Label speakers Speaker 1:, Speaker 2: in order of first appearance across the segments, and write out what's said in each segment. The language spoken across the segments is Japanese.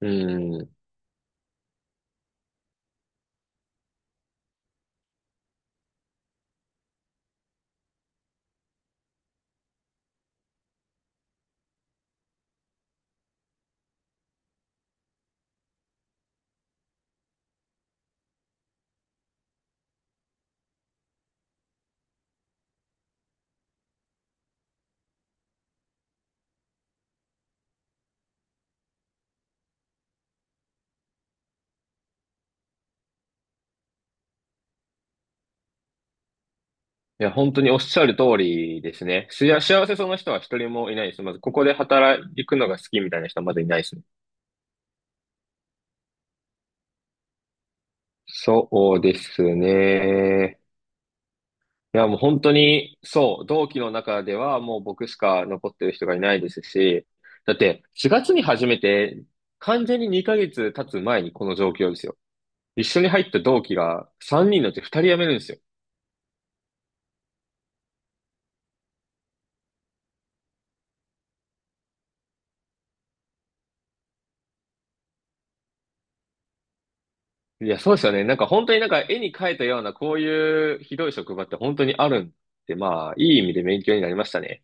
Speaker 1: うん。いや、本当におっしゃる通りですね。しや、幸せそうな人は一人もいないです。まず、ここで働くのが好きみたいな人はまずいないですね。そうですね。いや、もう本当に、そう、同期の中ではもう僕しか残ってる人がいないですし、だって4月に始めて、完全に2ヶ月経つ前にこの状況ですよ。一緒に入った同期が3人のうち2人辞めるんですよ。いや、そうですよね。なんか本当になんか絵に描いたようなこういうひどい職場って本当にあるんで、まあ、いい意味で勉強になりましたね。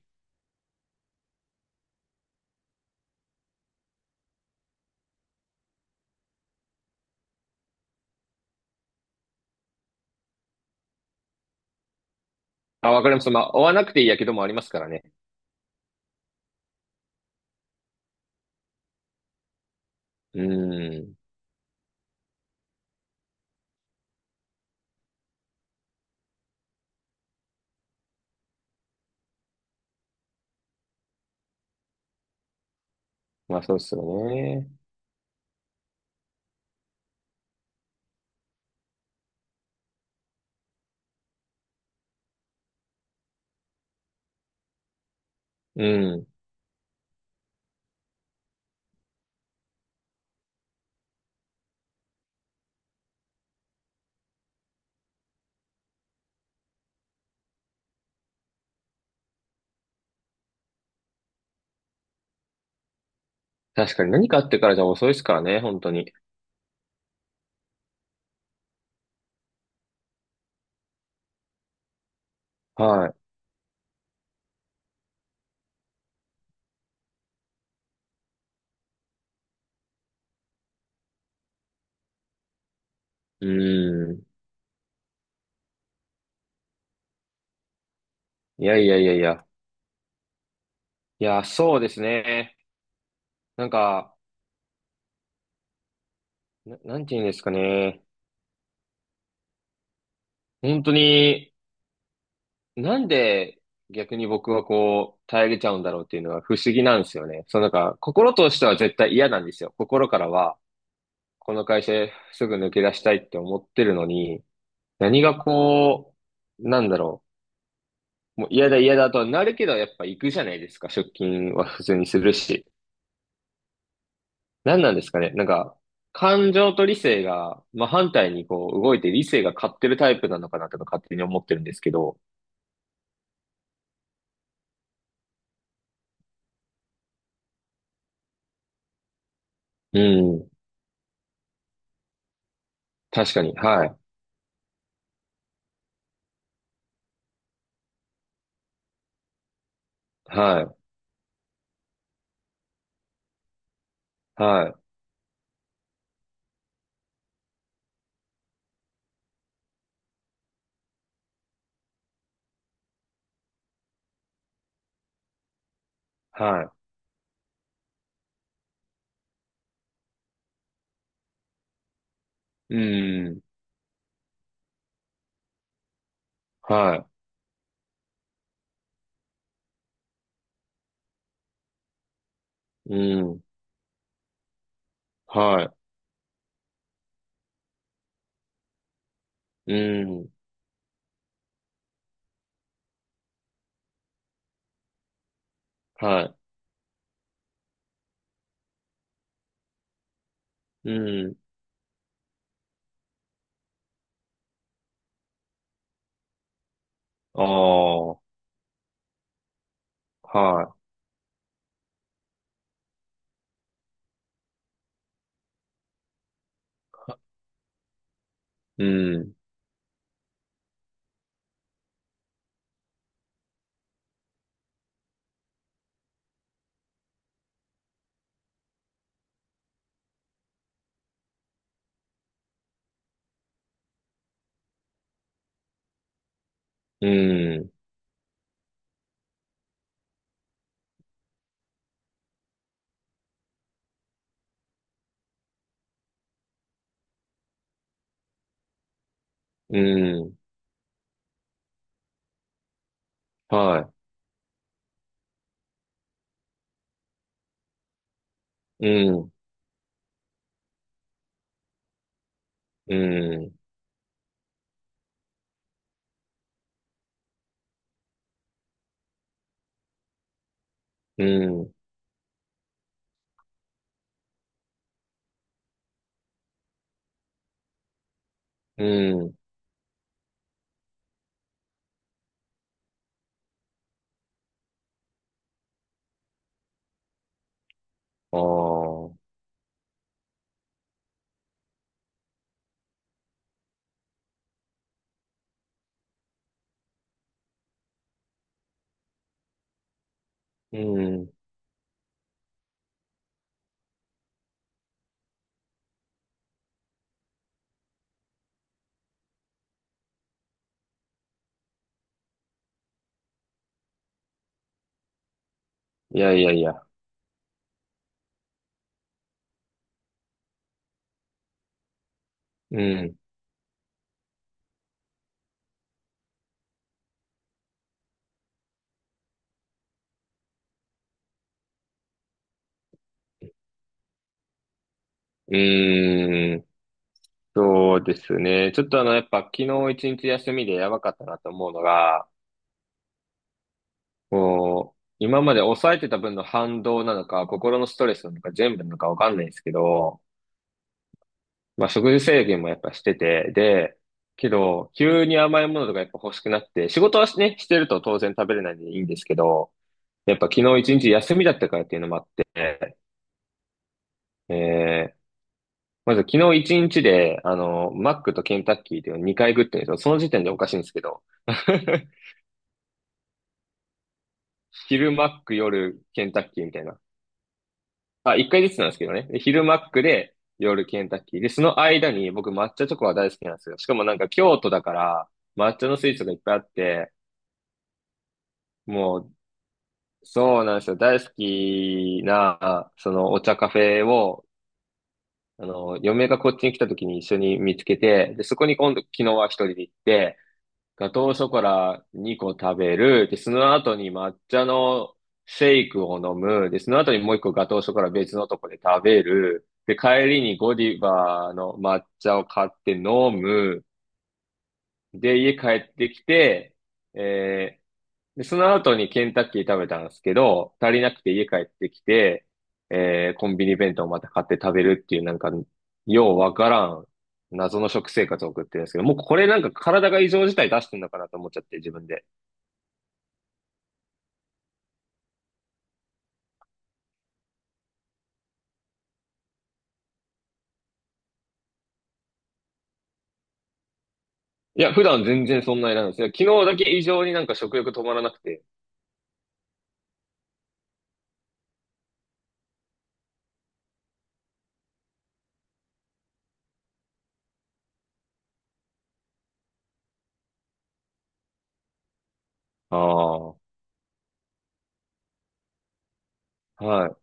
Speaker 1: あ、わかります。まあ、追わなくていいやけどもありますからね。うん。まあ、そうですよね。うん。確かに何かあってからじゃ遅いですからね、本当に。はい。うん。いやいやいやいや。いや、そうですね。なんか、な、なんて言うんですかね。本当に、なんで逆に僕はこう、耐えれちゃうんだろうっていうのは不思議なんですよね。そのなんか、心としては絶対嫌なんですよ。心からは、この会社すぐ抜け出したいって思ってるのに、何がこう、なんだろう。もう嫌だ嫌だとはなるけど、やっぱ行くじゃないですか。出勤は普通にするし。何なんですかね。なんか、感情と理性が、まあ、反対にこう、動いて理性が勝ってるタイプなのかなとか勝手に思ってるんですけど。うん。確かに。はい。はい。はい。はい。うん。はい。うん。はい。うん。はい。うん。ああ。はい。うん。うん。うん。はい。うん。うん。うん。うん。ああ。うん。いやいやいや。うん。うーん。そうですね。ちょっとあの、やっぱ昨日一日休みでやばかったなと思うのが、こう、今まで抑えてた分の反動なのか、心のストレスなのか、全部なのかわかんないですけど、まあ食事制限もやっぱしてて、で、けど、急に甘いものとかやっぱ欲しくなって、仕事はね、してると当然食べれないんでいいんですけど、やっぱ昨日一日休みだったからっていうのもあって、えー、まず昨日一日で、あの、マックとケンタッキーっていうのを2回食ってるんですよ。その時点でおかしいんですけど。昼マック、夜ケンタッキーみたいな。あ、1回ずつなんですけどね。で昼マックで、夜ケンタッキー。で、その間に僕抹茶チョコが大好きなんですよ。しかもなんか京都だから、抹茶のスイーツがいっぱいあって、もう、そうなんですよ。大好きな、そのお茶カフェを、あの、嫁がこっちに来た時に一緒に見つけて、で、そこに今度、昨日は一人で行って、ガトーショコラ2個食べる、で、その後に抹茶のシェイクを飲む、で、その後にもう一個ガトーショコラ別のとこで食べる、で、帰りにゴディバの抹茶を買って飲む、で、家帰ってきて、えーで、その後にケンタッキー食べたんですけど、足りなくて家帰ってきて、コンビニ弁当をまた買って食べるっていうなんか、ようわからん謎の食生活を送ってるんですけど、もうこれなんか体が異常事態出してんのかなと思っちゃって自分で。いや、普段全然そんなになんですよ。昨日だけ異常になんか食欲止まらなくて。ああ、はい。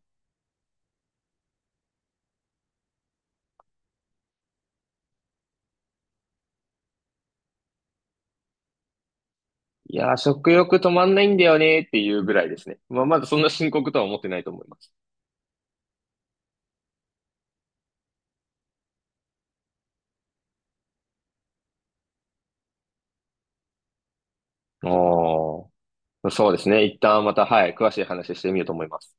Speaker 1: いや、食欲止まんないんだよねっていうぐらいですね。まあ、まだそんな深刻とは思ってないと思います。ああ、そうですね。一旦また、はい、詳しい話してみようと思います。